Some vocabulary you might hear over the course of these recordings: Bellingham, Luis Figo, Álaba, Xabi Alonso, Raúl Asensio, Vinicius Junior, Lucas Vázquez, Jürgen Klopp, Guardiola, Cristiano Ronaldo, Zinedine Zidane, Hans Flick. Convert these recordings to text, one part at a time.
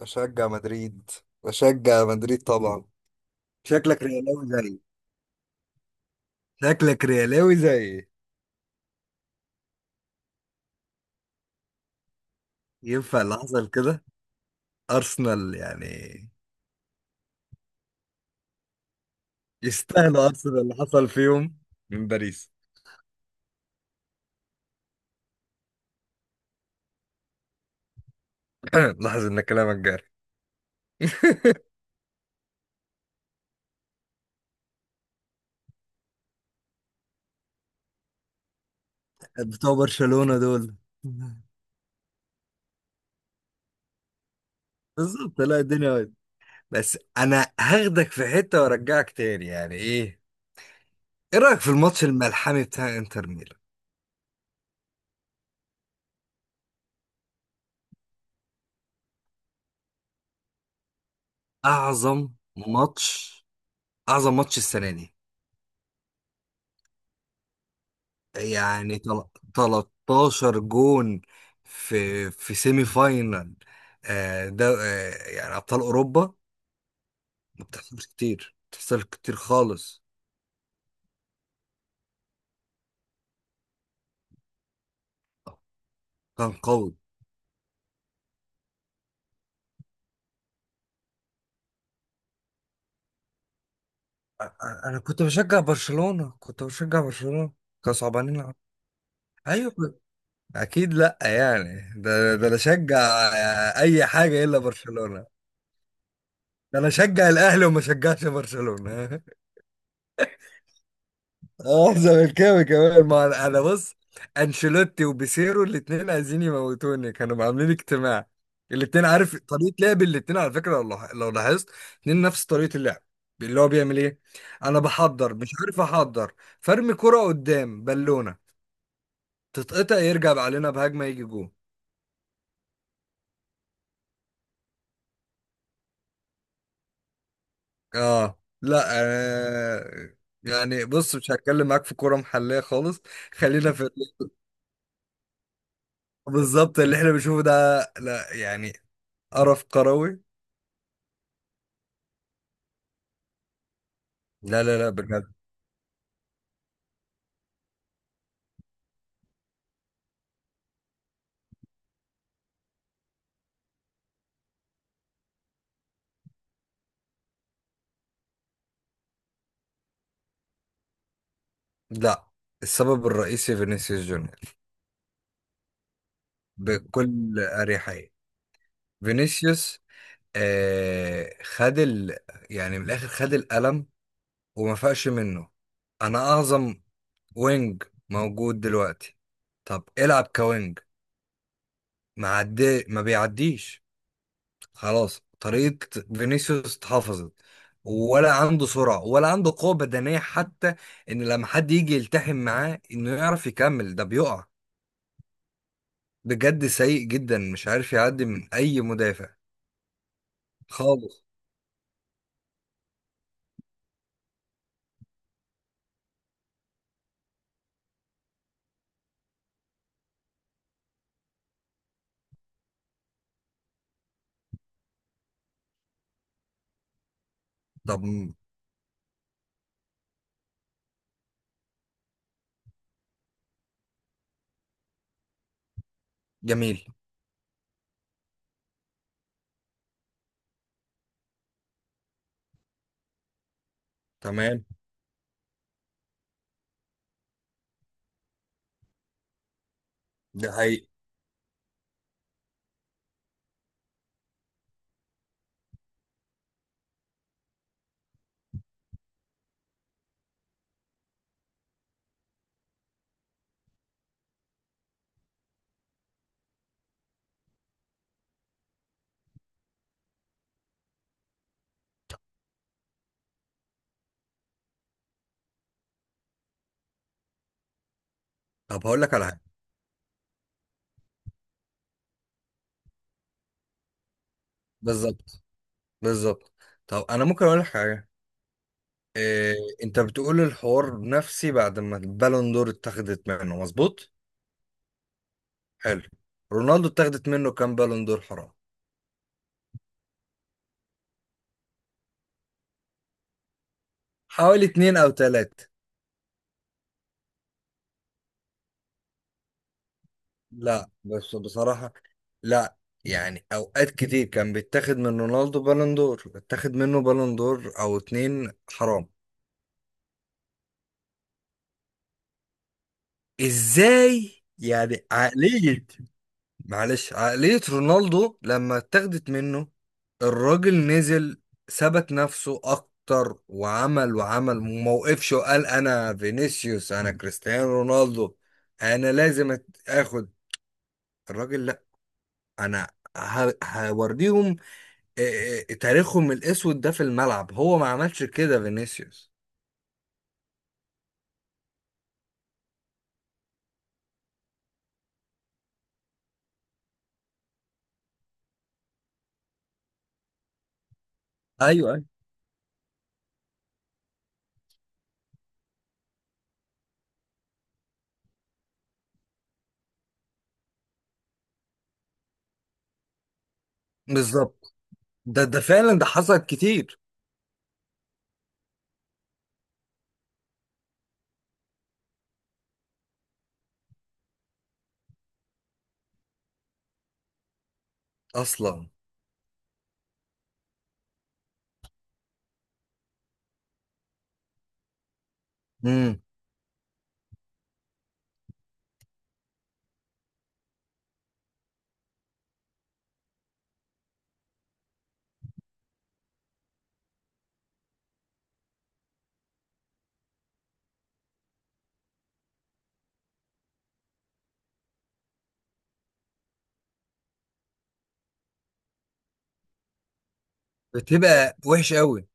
بشجع مدريد بشجع مدريد طبعا. شكلك ريالاوي زيي شكلك ريالاوي زيي. ينفع اللي حصل كده؟ ارسنال يعني. يستاهلوا ارسنال اللي حصل فيهم من باريس. لاحظ ان كلامك جاري. بتوع برشلونة دول. بالظبط، لا الدنيا واحد. بس انا هاخدك في حتة وارجعك تاني، يعني ايه، ايه رأيك في الماتش الملحمي بتاع انتر ميلان؟ اعظم ماتش، اعظم ماتش السنة دي. يعني 13 جون في سيمي فاينال. ده، يعني ابطال اوروبا. ما بتحصلش كتير خالص. كان قوي. انا كنت بشجع برشلونة. كانوا صعبانين على-، ايوه كنت-، اكيد لا، يعني ده انا اشجع اي حاجة الا برشلونة. ده انا اشجع الاهلي وما اشجعش برشلونة. اه زملكاوي كمان، ما انا أنا بص، انشيلوتي وبيسيرو الاتنين عايزين يموتوني، كانوا عاملين اجتماع. الاتنين عارف طريقة لعب الاتنين على فكرة، لو لاحظت اتنين نفس طريقة اللعب، اللي هو بيعمل ايه. انا بحضر مش عارف احضر، فرمي كرة قدام بالونة تتقطع يرجع علينا بهجمة يجي جون. اه لا يعني بص، مش هتكلم معاك في كرة محلية خالص. خلينا في بالظبط اللي احنا بنشوفه ده، لا يعني، قرف كروي. لا لا لا بجد، لا. السبب الرئيسي فينيسيوس جونيور، بكل أريحية. فينيسيوس، خد ال، يعني من الآخر خد القلم وما فاقش منه. أنا أعظم وينج موجود دلوقتي. طب العب كوينج، ما بيعديش. خلاص طريقة فينيسيوس اتحفظت، ولا عنده سرعة ولا عنده قوة بدنية حتى، إن لما حد يجي يلتحم معاه إنه يعرف يكمل ده بيقع. بجد سيء جدا، مش عارف يعدي من اي مدافع خالص. طب م- جميل. تمام. ده حقيقي. طب هقول لك على حاجه. بالظبط. بالظبط. طب انا ممكن اقول لك حاجه؟ إيه، انت بتقول الحوار نفسي بعد ما البالون دور اتاخدت منه، مظبوط؟ حلو. رونالدو اتاخدت منه كام بالون دور حرام؟ حوالي اتنين او تلاتة. لا بس بصراحه، لا، يعني اوقات كتير كان بيتاخد من رونالدو بالون دور، اتاخد منه بالون دور او اتنين حرام. ازاي يعني عقلية؟ معلش عقلية رونالدو لما اتاخدت منه، الراجل نزل ثبت نفسه اكتر وعمل وعمل وموقفش وقال انا فينيسيوس انا كريستيانو رونالدو، انا لازم اخد. الراجل لا، انا هوريهم تاريخهم الاسود ده في الملعب. هو ما عملش كده فينيسيوس. ايوه ايوه بالظبط، ده فعلا، ده حصل كتير اصلا. بتبقى وحش قوي.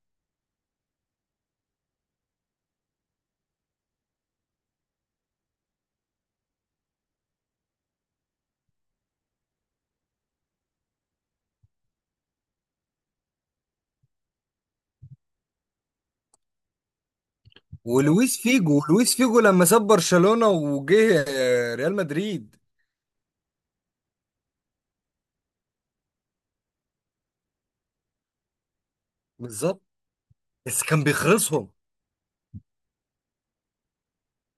ولويس فيجو، لويس فيجو لما ساب برشلونة وجه ريال مدريد. بالظبط. بس كان بيخلصهم.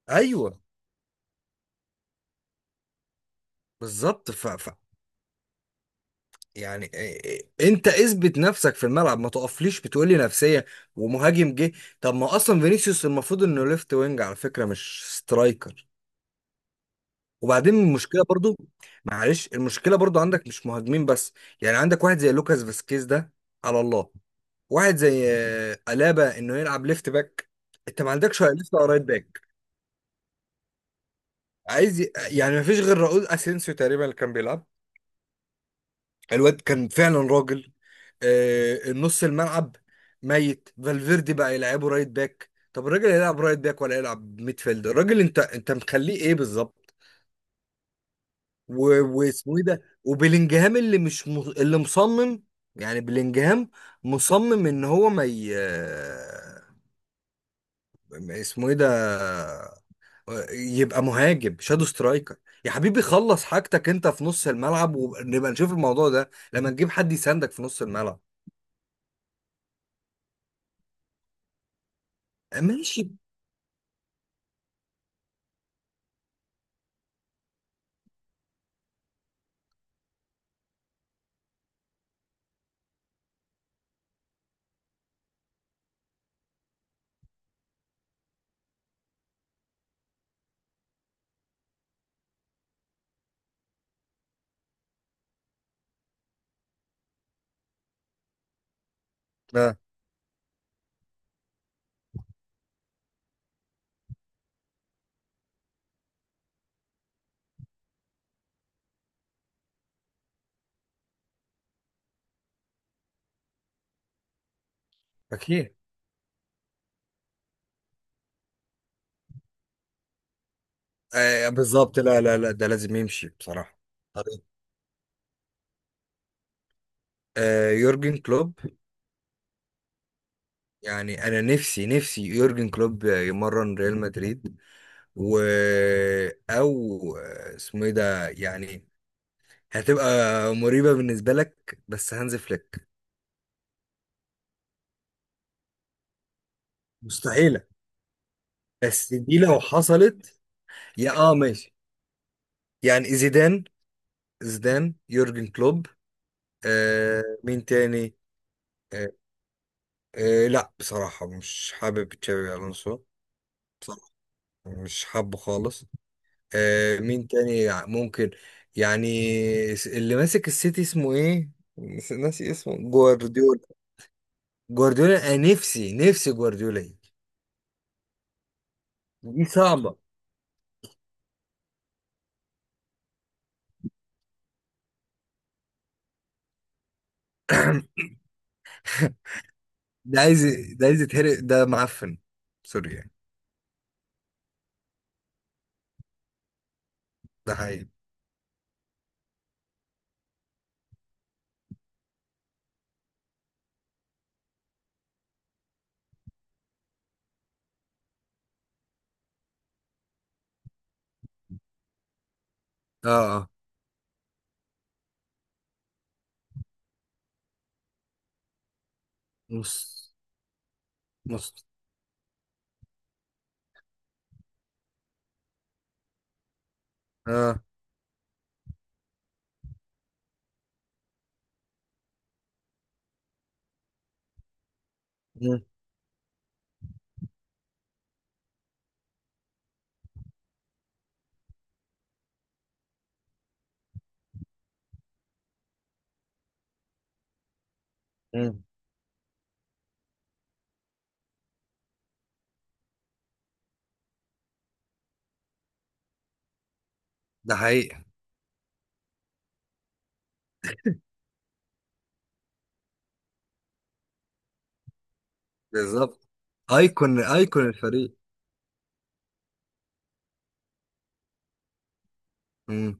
ايوه بالظبط ف... ف... يعني انت اثبت نفسك في الملعب، ما تقفليش بتقولي نفسية ومهاجم جه. طب ما اصلا فينيسيوس المفروض انه ليفت وينج على فكرة، مش سترايكر. وبعدين المشكلة برضو، معلش المشكلة برضو عندك مش مهاجمين بس، يعني عندك واحد زي لوكاس فاسكيز ده، على الله. واحد زي ألابا انه يلعب ليفت باك. انت ما عندكش ولا ليفت ولا رايت باك، عايز ي... يعني ما فيش غير راؤول اسينسيو تقريبا اللي كان بيلعب. الواد كان فعلا راجل النص الملعب. ميت فالفيردي بقى يلعبه رايت باك، طب الراجل يلعب رايت باك ولا يلعب ميدفيلد؟ الراجل انت انت مخليه ايه بالظبط؟ و... واسمه ايه ده، وبلينجهام اللي مش م... اللي مصمم، يعني بلينجهام مصمم ان هو ما ي... اسمه ايه ده، يبقى مهاجم شادو سترايكر. يا حبيبي خلص حاجتك انت في نص الملعب، ونبقى نشوف الموضوع ده لما نجيب حد يساندك في نص الملعب. ماشي. اه اكيد. آه بالظبط. لا لا لا، ده لازم يمشي بصراحة. طريق. آه يورجن كلوب، يعني انا نفسي نفسي يورجن كلوب يمرن ريال مدريد. و، او اسمه ايه ده يعني، هتبقى مريبة بالنسبة لك بس هانز فليك. مستحيلة. بس دي لو حصلت. يا اه ماشي. يعني زيدان، زيدان يورجن كلوب. آه مين تاني؟ آه. آه لا بصراحة مش حابب تشابي ألونسو، بصراحة مش حابه خالص. آه مين تاني ممكن؟ يعني اللي ماسك السيتي اسمه ايه، ناسي اسمه جوارديولا. جوارديولا انا نفسي نفسي جوارديولا يجي. دي صعبة. ده عايز، ده عايز يتهرق ده معفن. سوري يعني. ده حقيقي. اه اه. نص نص اه. مم، مم. ده حقيقي. بالظبط. ايكون، ايكون الفريق. امم.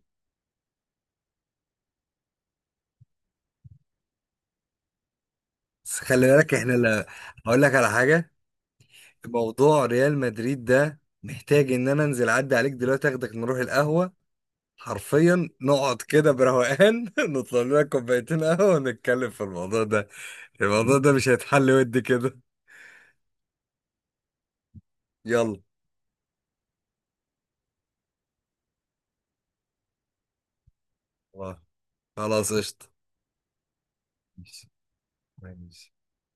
بس خلي بالك احنا لا، هقول لك على حاجه. موضوع ريال مدريد ده محتاج ان انا انزل اعدي عليك دلوقتي، اخدك نروح القهوه، حرفيا نقعد كده بروقان نطلب لنا كوبايتين قهوه ونتكلم في الموضوع ده. الموضوع ده مش هيتحل ودي كده. يلا. خلاص قشطه. ماشي. ماشي.